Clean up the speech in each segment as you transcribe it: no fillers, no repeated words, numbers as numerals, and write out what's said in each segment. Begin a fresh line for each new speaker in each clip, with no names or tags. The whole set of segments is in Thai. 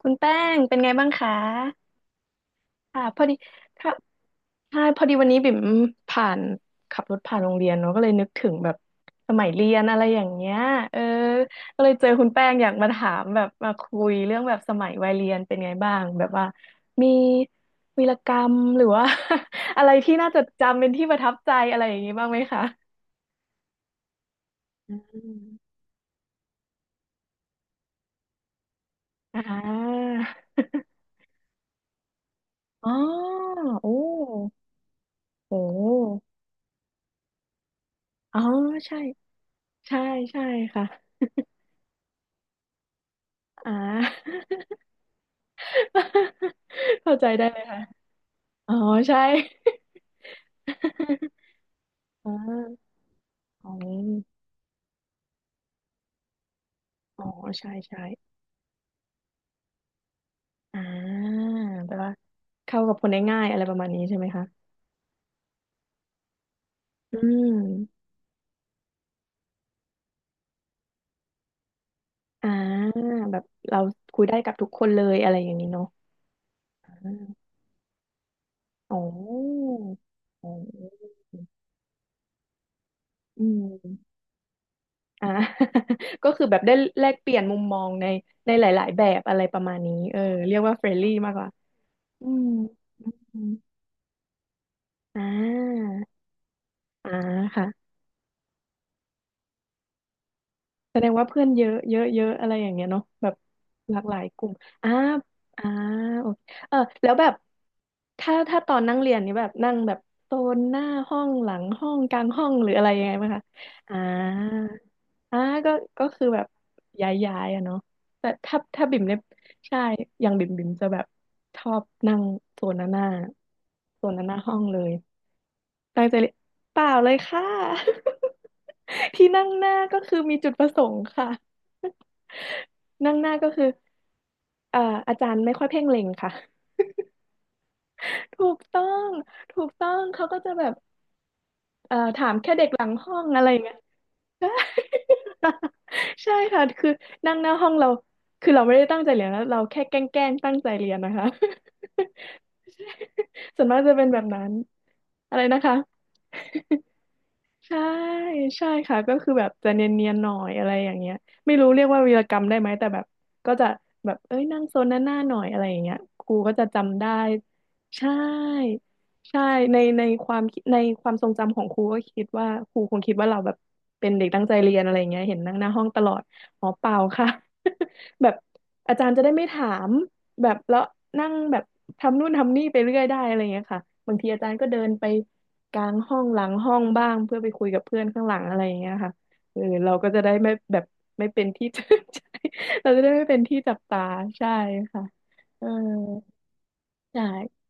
คุณแป้งเป็นไงบ้างคะค่ะพอดีค่ะใช่พอดีวันนี้บิ่มผ่านขับรถผ่านโรงเรียนเนาะก็เลยนึกถึงแบบสมัยเรียนอะไรอย่างเงี้ยเออก็เลยเจอคุณแป้งอยากมาถามแบบมาคุยเรื่องแบบสมัยวัยเรียนเป็นไงบ้างแบบว่ามีวีรกรรมหรือว่า อะไรที่น่าจดจำเป็นที่ประทับใจอะไรอย่างงี้บ้างไหมคะอืมอ่าอ๋อโอ้โหอ๋อใช่ใช่ใช่ค่ะ อ่า เข้าใจได้เลยค่ะอ๋อใช่ อ่าของอ๋อใช่ใช่อ่าแปลว่าเข้ากับคนได้ง่ายอะไรประมาณนี้ใช่ไหมคะอืมอ่าแบบเราคุยได้กับทุกคนเลยอะไรอย่างนี้เนาะอ่าอ๋ออ๋ออืมอ่า ก็คือแบบได้แลกเปลี่ยนมุมมองในในหลายๆแบบอะไรประมาณนี้เออเรียกว่าเฟรนลี่มากกว่าอืม อ่าอ่าค่ะแสดงว่าเพื่อนเยอะเยอะเยอะอะไรอย่างเงี้ยเนาะแบบหลากหลายกลุ่มอ่าอ่าโอเคเออแล้วแบบถ้าตอนนั่งเรียนนี่แบบนั่งแบบโซนหน้าห้องหลังห้องกลางห้องหรืออะไรยังไงไหมคะอ่าอ่าก็ก็คือแบบย้ายอะเนาะแต่ถ้าบิ่มเนี่ยใช่อย่างบิ่มจะแบบชอบนั่งโซนหน้าโซนหน้าห้องเลย ตั้งใจเรียนเปล่าเลยค่ะ ที่นั่งหน้าก็คือมีจุดประสงค์ค่ะ นั่งหน้าก็คือเอ่ออาจารย์ไม่ค่อยเพ่งเล็งค่ะถูกต้องถูกต้องเขาก็จะแบบถามแค่เด็กหลังห้องอะไรอย่างเงี้ย ใช่ ใช่ค่ะคือนั่งหน้าห้องเราคือเราไม่ได้ตั้งใจเรียนนะเราแค่แกล้งๆตั้งใจเรียนนะคะ ส่วนมากจะเป็นแบบนั้นอะไรนะคะ ใช่ใช่ค่ะก็คือแบบจะเนียนๆหน่อยอะไรอย่างเงี้ยไม่รู้เรียกว่าวีรกรรมได้ไหมแต่แบบก็จะแบบเอ้ยนั่งโซนหน้าหน้าหน่อยอะไรอย่างเงี้ยครูก็จะจำได้ใช่ใช่ในในความคิดในความทรงจำของครูก็คิดว่าครูคงคิดว่าเราแบบเป็นเด็กตั้งใจเรียนอะไรอย่างเงี้ยเห็นนั่งหน้าห้องตลอดอ๋อเปล่าค่ะ แบบอาจารย์จะได้ไม่ถามแบบแล้วนั่งแบบทำนู่นทำนี่ไปเรื่อยได้อะไรอย่างเงี้ยค่ะบางทีอาจารย์ก็เดินไป กลางห้องหลังห้องบ้างเพื่อไปคุยกับเพื่อนข้างหลังอะไรอย่างเงี้ยค่ะเออเราก็จะได้ไม่แบบ ไม่เป็นที่ จับใจเราจะได้ไม่เป็นที่จับตาใช่ค่ะเออใช่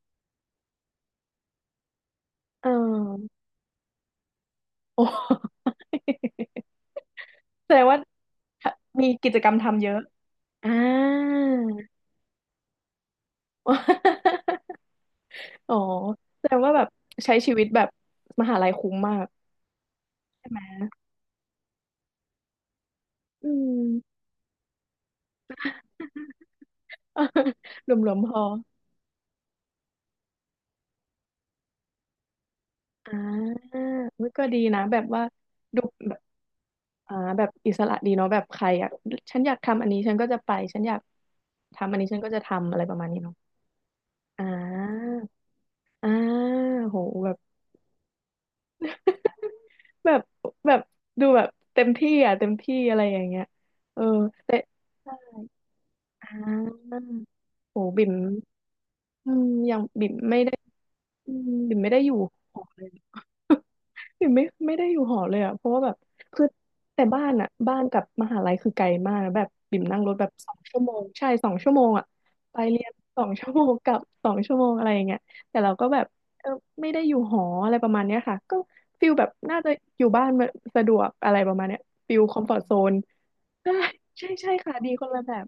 เออ โอ้ แสดงว่ามีกิจกรรมทำเยอะอ่า อ๋อแสดงว่าแบบใช้ชีวิตแบบมหาลัยคุ้มมากใช่ไหมอืม รวมๆพอ อ่าอุ๊ยก็ดีนะแบบว่าดูแบบอ่าแบบอิสระดีเนาะแบบใครอ่ะฉันอยากทำอันนี้ฉันก็จะไปฉันอยากทำอันนี้ฉันก็จะทำอะไรประมาณนี้เนาะอ่าอ่าโหแบบ แบบแบบดูแบบเต็มที่อ่ะเต็มที่อะไรอย่างเงี้ยเออแต่อ่าโหบิ่มอืมยังบิ่มไม่ได้อืมบิ่มไม่ได้อยู่หอเลย อยู่ไม่ได้อยู่หอเลยอ่ะเพราะว่าแบบคือแต่บ้านอ่ะบ้านกับมหาลัยคือไกลมากนะแบบบิ่มนั่งรถแบบสองชั่วโมงใช่สองชั่วโมงอ่ะไปเรียนสองชั่วโมงกลับสองชั่วโมงอะไรอย่างเงี้ยแต่เราก็แบบเออไม่ได้อยู่หออะไรประมาณเนี้ยค่ะก็ฟิลแบบน่าจะอยู่บ้านมนสะดวกอะไรประมาณเนี้ยฟิลคอมฟอร์ z โซนใช่ใช่ใช่ค่ะดีคนละแบบ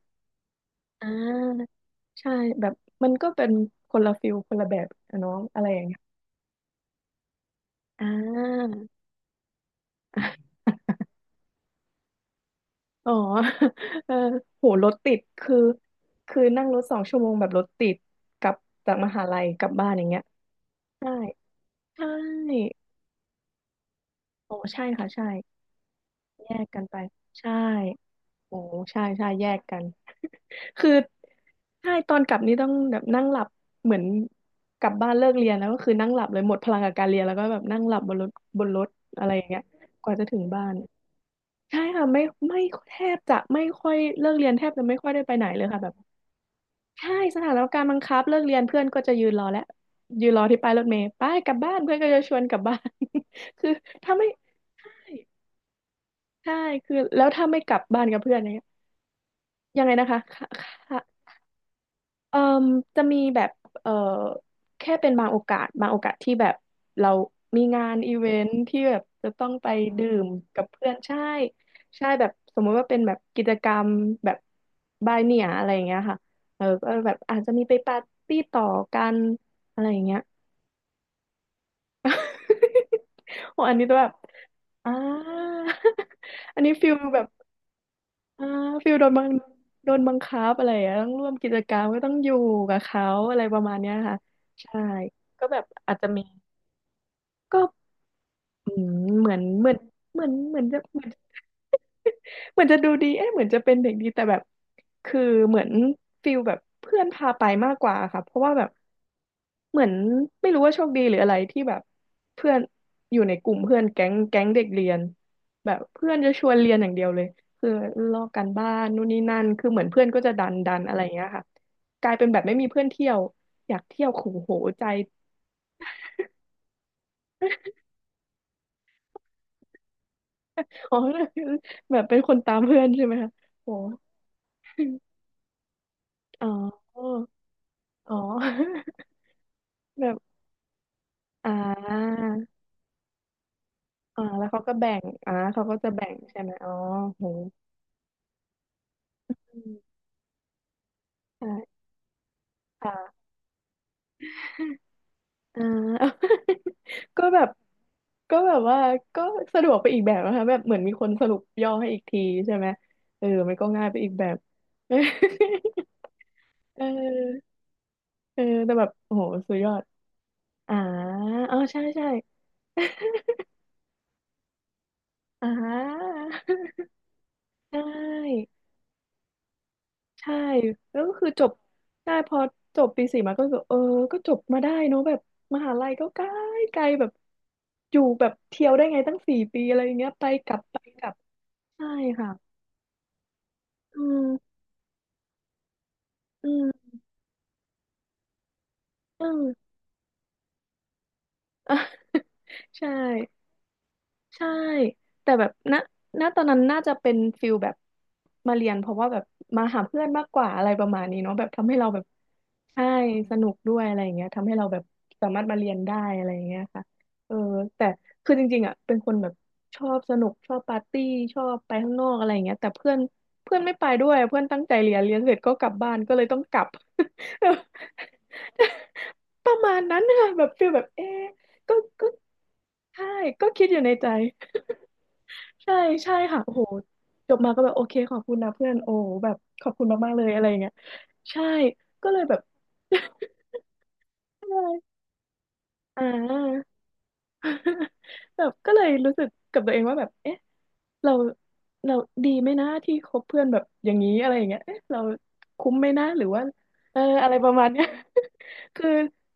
อ่าใช่แบบมันก็เป็นคนละฟิลคนละแบบอะเนองอะไรอย่างเงี้ยอ่า อ๋อ เออโห รถติดคือคือนั่งรถสองชั่วโมงแบบรถติดกลับจากมหาลัยกลับบ้านอย่างเงี้ยใช่ใช่โอ้ใช่ค่ะใช่แยกกันไปใช่โอ้ใช่ใช่แยกกันคือใช่ตอนกลับนี่ต้องแบบนั่งหลับเหมือนกลับบ้านเลิกเรียนแล้วก็คือนั่งหลับเลยหมดพลังกับการเรียนแล้วก็แบบนั่งหลับบนรถบนรถอะไรอย่างเงี้ยกว่าจะถึงบ้านใช่ค่ะไม่แทบจะไม่ค่อยเลิกเรียนแทบจะไม่ค่อยได้ไปไหนเลยค่ะแบบ ใช่สถานการณ์บังคับเลิกเรียนเพื่อนก็จะยืนรอแล้วยืนรอที่ป้ายรถเมล์ไปายกลับบ้านเพื่อนก็จะชวนกลับบ้าน คือถ้าไม่ใช่ใช่คือแล้วถ้าไม่กลับบ้านกับเพื่อนอย่างเงี้ยยังไงนะคะค่ะ เอ่อจะมีแบบเอ่อแค่เป็นบางโอกาสบางโอกาสที่แบบเรามีงานอีเวนท์ที่แบบจะต้องไปดื่มกับเพื่อนใช่ใช่แบบสมมุติว่าเป็นแบบกิจกรรมแบบบายเนียอะไรอย่างเงี้ยค่ะเออก็แบบอาจจะมีไปปาร์ตี้ต่อกันอะไรอย่างเงี้ย โอ้อันนี้แบบอ่า อันนี้ฟิลแบบ อ่าฟิลโดนบังคับอะไรอย่างเงี้ยต้องร่วมกิจกรรมก็ต้องอยู่กับเขาอะไรประมาณเนี้ยค่ะใช่ก็แบบอาจจะมีก็ อืมเหมือนเหมือนเหมือนเหมือนจะเหมือน เหมือนจะดูดีเอ๊ะเหมือนจะเป็นเด็กดีแต่แบบคือเหมือนฟิลแบบเพื่อนพาไปมากกว่าค่ะเพราะว่าแบบเหมือนไม่รู้ว่าโชคดีหรืออะไรที่แบบเพื่อนอยู่ในกลุ่มเพื่อนแก๊งแก๊งเด็กเรียนแบบเพื่อนจะชวนเรียนอย่างเดียวเลยคือลอกกันบ้านนู่นนี่นั่นคือเหมือนเพื่อนก็จะดันอะไรอย่างเงี้ยค่ะกลายเป็นแบบไม่มีเพื่อนเที่ยวอยากเที่ยวขู่โหใจอ๋อ แบบเป็นคนตามเพื่อนใช่ไหมคะโอ้ อ๋ออ๋อ แบบอ่าอ่าแล้วเขาก็แบ่งอ่าเขาก็จะแบ่งใช่ไหมอ๋อโหอืมใช่ค่ะอ่า ก็แบบก็แบบว่าก็สะดวกไปอีกแบบนะคะแบบเหมือนมีคนสรุปย่อให้อีกทีใช่ไหมเออมันก็ง่ายไปอีกแบบ เออเออแต่แบบโอ้โหสุดยอดอ่าอ๋อใช่ใช่อ่า ใช่ ใช่แล้วก็คือจบได้พอจบปีสี่มาก็รู้สึกเออก็จบมาได้เนอะแบบมหาลัยก็ไกลไกลแบบอยู่แบบเที่ยวได้ไงตั้ง4 ปีอะไรอย่างเงี้ยไปกลับไปกลับใช่ค่ะอืมอืมอืม อ่ะ ใช่ ใช่แต่แบบณณตอนนั้นน่าจะเป็นฟิลแบบมาเรียนเพราะว่าแบบมาหาเพื่อนมากกว่าอะไรประมาณนี้เนาะแบบทำให้เราแบบใช่สนุกด้วยอะไรอย่างเงี้ยทำให้เราแบบสามารถมาเรียนได้อะไรอย่างเงี้ยค่ะเออแต่คือจริงๆอ่ะเป็นคนแบบชอบสนุกชอบปาร์ตี้ชอบไปข้างนอกอะไรอย่างเงี้ยแต่เพื่อนเพื่อนไม่ไปด้วยเพื่อนตั้งใจเรียนเรียนเสร็จก็กลับบ้านก็เลยต้องกลับ ประมาณนั้นค่ะแบบฟีลแบบเอ๊ะ ก็ก็ใช่ก็คิดอยู่ในใจ ใช่ใช่ค่ะโอ้โหจบมาก็แบบโอเคขอบคุณนะเพื่อนโอ้แบบขอบคุณมากๆเลยอะไรอย่างเงี้ยใช่ก็เลยแบบ ใช่อ่า แบบก็เลยรู้สึกกับตัวเองว่าแบบเอ๊ะเราเราดีไหมนะที่คบเพื่อนแบบอย่างนี้อะไรอย่างเงี้ยเอ๊ะเราคุ้มไหมนะหรือว่าเอออะไรประมาณเนี้ย คือ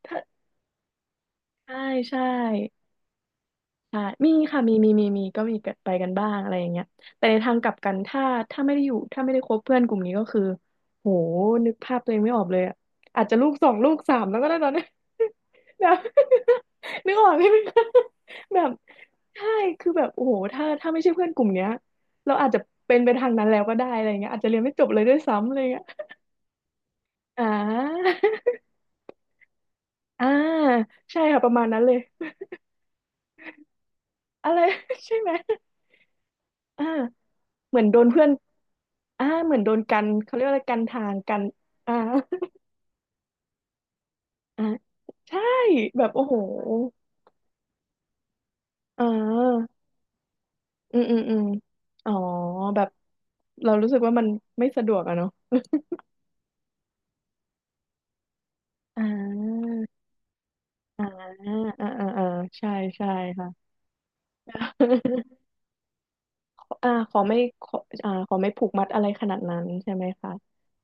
ถ้าใช่ใช่ ใช่มีค่ะมีก็มีไปกันบ้างอะไรอย่างเงี้ยแต่ในทางกลับกันถ้าไม่ได้อยู่ถ้าไม่ได้คบเพื่อนกลุ่มนี้ก็คือโหนึกภาพตัวเองไม่ออกเลยอะอาจจะลูกสองลูกสามแล้วก็ได้ตอนนี้ แบบ นึกออกไหมคะแบบใช่คือแบบโอ้โหถ้าไม่ใช่เพื่อนกลุ่มเนี้ยเราอาจจะเป็นไปทางนั้นแล้วก็ได้อะไรเงี้ยอาจจะเรียนไม่จบเลยด้วยซ้ำอะไรเงี้ยอ่า อ่าใช่ค่ะประมาณนั้นเลยอะไร ใช่ไหมอ่าเหมือนโดนเพื่อน อ่าเหมือนโดนกันเขาเรียกว่าอะไรกันทางกันอ่าอ่าใช่แบบโอ้โหอ่าอืมอ๋อแบบเรารู้สึกว่ามันไม่สะดวกอะเนาะ อ่า อ่าอ่าใช่ใช่ค่ะ อ่าขอไม่ขออ่าขอไม่ผูกมัดอะไรขนาดนั้นใช่ไหมคะ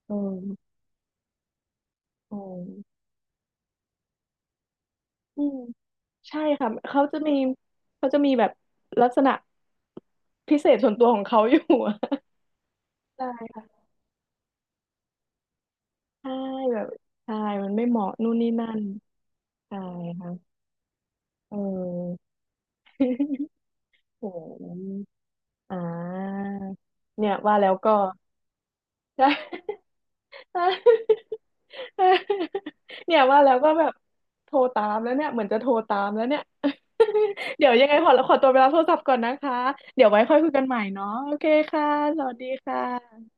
เออเอออืมใช่ค่ะเขาจะมีเขาจะมีแบบลักษณะพิเศษส่วนตัวของเขาอยู่อะ ใช่ ใช่แบบใช่มันไม่เหมาะนู่นนี่นั่นใช่ค่ะเออ โอ้โหอ่าเนี่ยว่าแล้วก็ ใช่ เนี่ยว่าแล้วก็แบบโทรตามแล้วเนี่ยเหมือนจะโทรตามแล้วเนี่ย เดี๋ยวยังไงขอตัวไปรับโทรศัพท์ก่อนนะคะเดี๋ยวไว้ค่อยคุยกันใหม่เนาะโอเคค่ะสวัสดีค่ะ